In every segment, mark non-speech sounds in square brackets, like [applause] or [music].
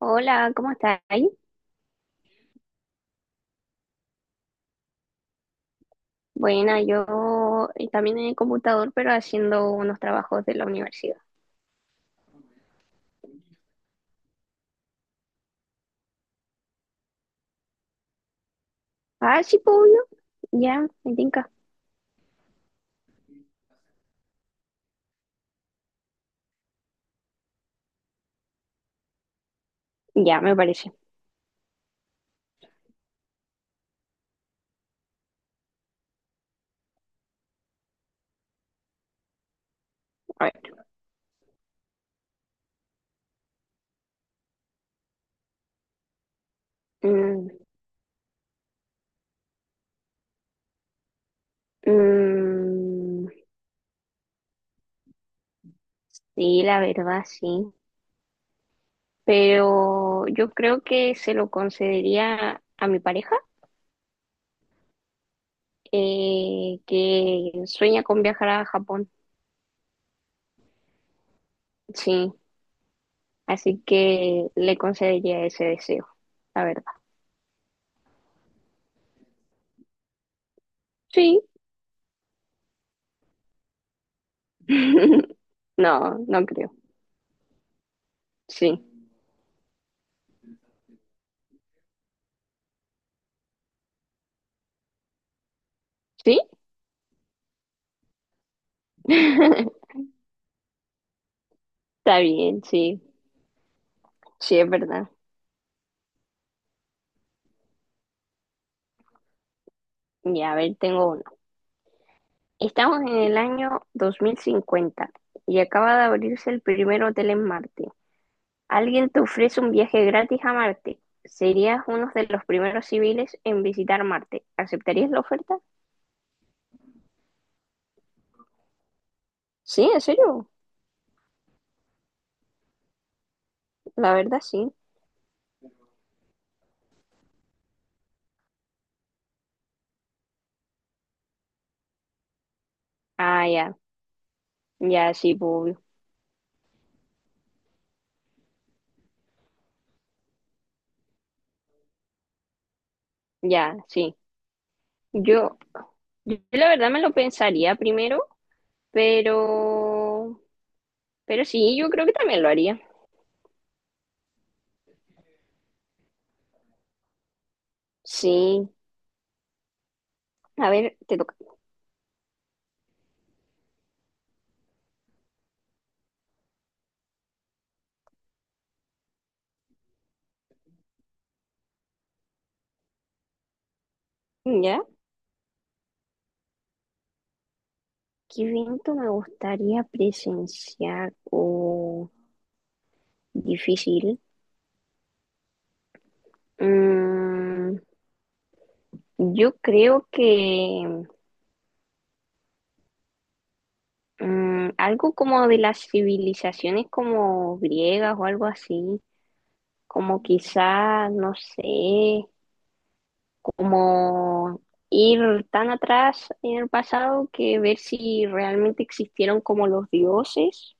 Hola, ¿cómo estáis? Buena, yo también en el computador, pero haciendo unos trabajos de la universidad. Ah, sí, pues, obvio. Ya, me tinca. Ya, me parece. A ver. Mm, mm, sí, la verdad, sí. Pero yo creo que se lo concedería a mi pareja, que sueña con viajar a Japón. Sí, así que le concedería ese deseo, la verdad. Sí. [laughs] No, no creo. Sí. ¿Sí? [laughs] Está bien, sí, sí es verdad. Y a ver, tengo uno. Estamos en el año 2050 y acaba de abrirse el primer hotel en Marte. Alguien te ofrece un viaje gratis a Marte. Serías uno de los primeros civiles en visitar Marte. ¿Aceptarías la oferta? Sí, en serio. La verdad, sí. Ah, ya, ya, sí, pues, obvio. Ya, sí. Yo, yo la verdad me lo pensaría primero, pero, pero sí, yo creo que también lo haría. Sí. A ver, te toca. ¿Ya? ¿Qué evento me gustaría presenciar o difícil? Mm, yo creo que algo como de las civilizaciones como griegas o algo así, como quizás, no sé, como ir tan atrás en el pasado que ver si realmente existieron como los dioses.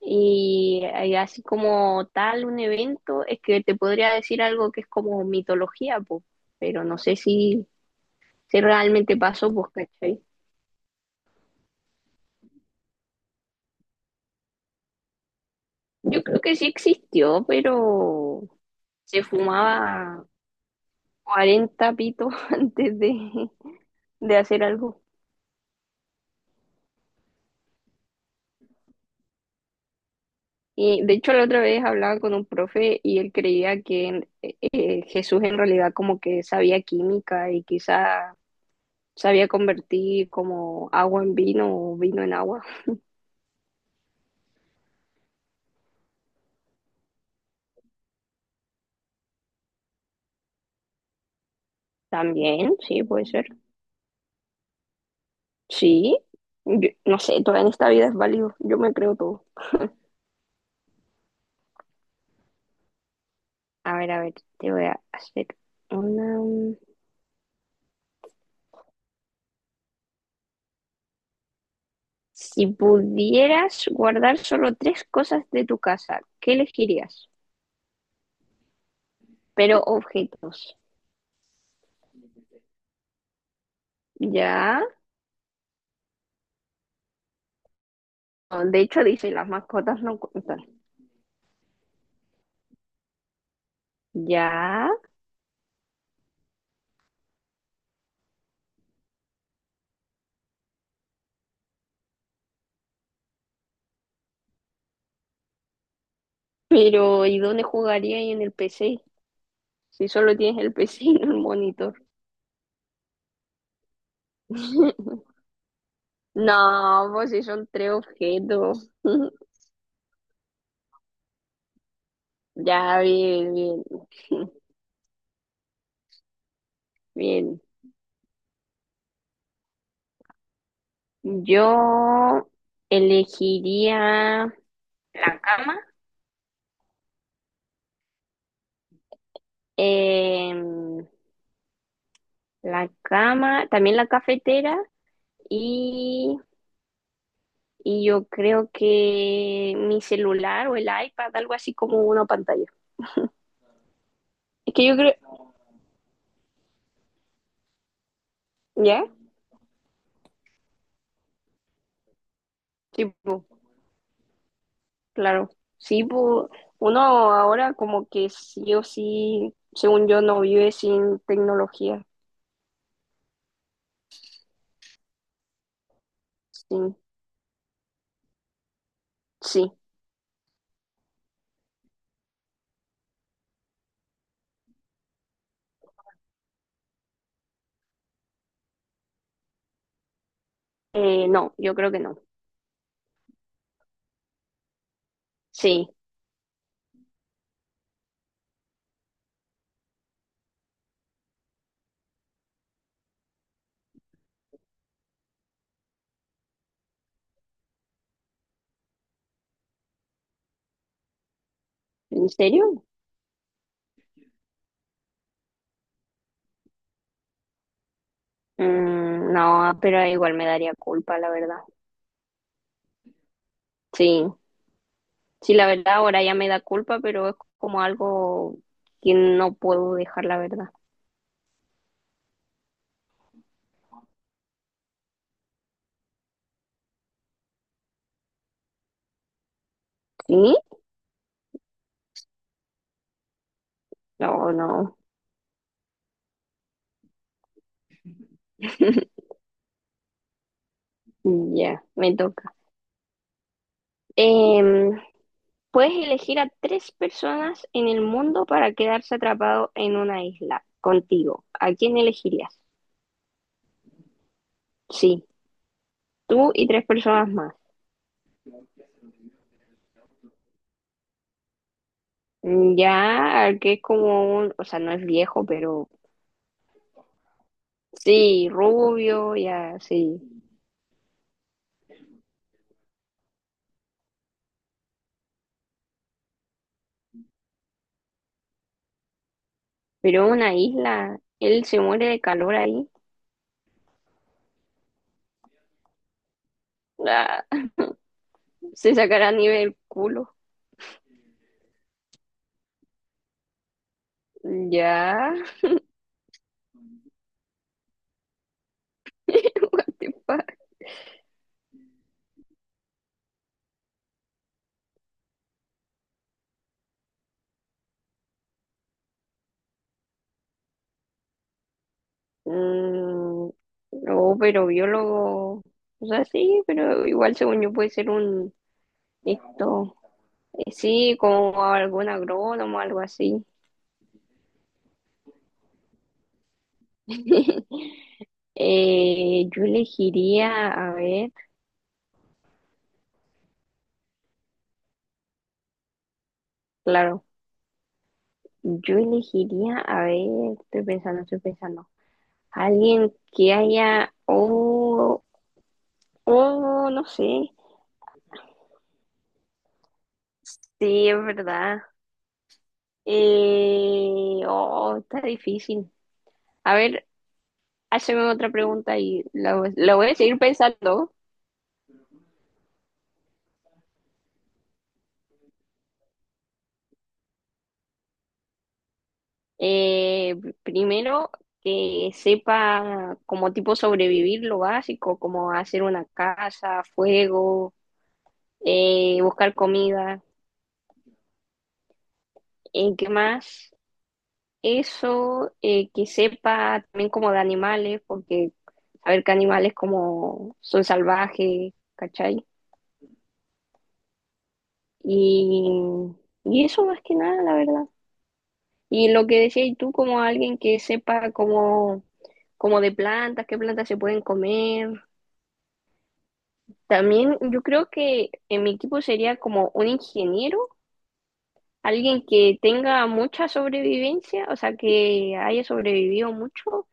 Y así como tal un evento, es que te podría decir algo que es como mitología, pues, pero no sé si, si realmente pasó, pues, ¿cachai? Yo creo que sí existió, pero se fumaba 40 pitos [laughs] antes de hacer algo. Y de hecho la otra vez hablaba con un profe y él creía que Jesús en realidad como que sabía química y quizá sabía convertir como agua en vino o vino en agua. También, sí, puede ser. Sí, yo- no sé, todo en esta vida es válido. Yo me creo todo. A ver, te voy a hacer una... Si pudieras guardar solo tres cosas de tu casa, ¿qué elegirías? Pero objetos. Ya. Ah, de hecho, dice, las mascotas no cuentan. Ya. Pero, ¿y dónde jugaría y en el PC? Si solo tienes el PC y no el monitor. [laughs] No, pues si son tres objetos. [laughs] Ya, bien, bien, [laughs] bien. Yo elegiría la cama, em, la cama, también la cafetera y, y yo creo que mi celular o el iPad, algo así como una pantalla. Es que yo creo, ¿ya? Sí, po, claro. Sí, po, uno ahora como que sí o sí, según yo, no vive sin tecnología. Sí, sí. No, yo creo que no. Sí, ¿en serio? No, pero igual me daría culpa, la verdad. Sí, sí, la verdad ahora ya me da culpa, pero es como algo que no puedo dejar, la verdad. ¿Sí? No, no. [laughs] Ya, me toca. Em, puedes elegir a tres personas en el mundo para quedarse atrapado en una isla contigo. ¿A quién elegirías? Sí, tú y tres personas más. Mm. Ya, que es como un, o sea, no es viejo, pero sí, rubio, ya, sí. Pero una isla, él se muere de calor ahí. Ah, se sacará nieve del culo. Ya. [laughs] What the fuck. Mm, no, pero biólogo. O sea, sí, pero igual según yo puede ser un esto. Sí, como algún agrónomo, algo así. [laughs] Yo elegiría, a ver, claro, yo elegiría, a ver, estoy pensando, estoy pensando. Alguien que haya, oh, oh, no sé. Sí, es verdad. Oh, está difícil. A ver, hazme otra pregunta y la voy a seguir pensando. Eh, primero, que sepa como tipo sobrevivir lo básico, como hacer una casa, fuego, buscar comida. ¿En qué más? Eso, que sepa también como de animales, porque a ver qué animales como son salvajes, ¿cachai? Y, y eso más que nada, la verdad. Y lo que decías tú, como alguien que sepa cómo, como de plantas, qué plantas se pueden comer. También yo creo que en mi equipo sería como un ingeniero, alguien que tenga mucha sobrevivencia, o sea, que haya sobrevivido mucho,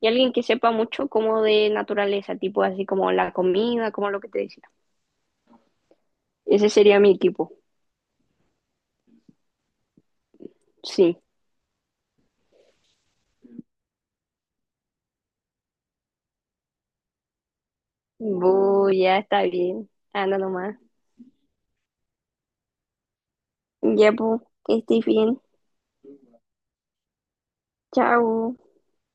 y alguien que sepa mucho como de naturaleza, tipo así como la comida, como lo que te decía. Ese sería mi equipo, sí. Bu, ya está bien. Anda nomás. Ya, bu, que estés bien. Chao.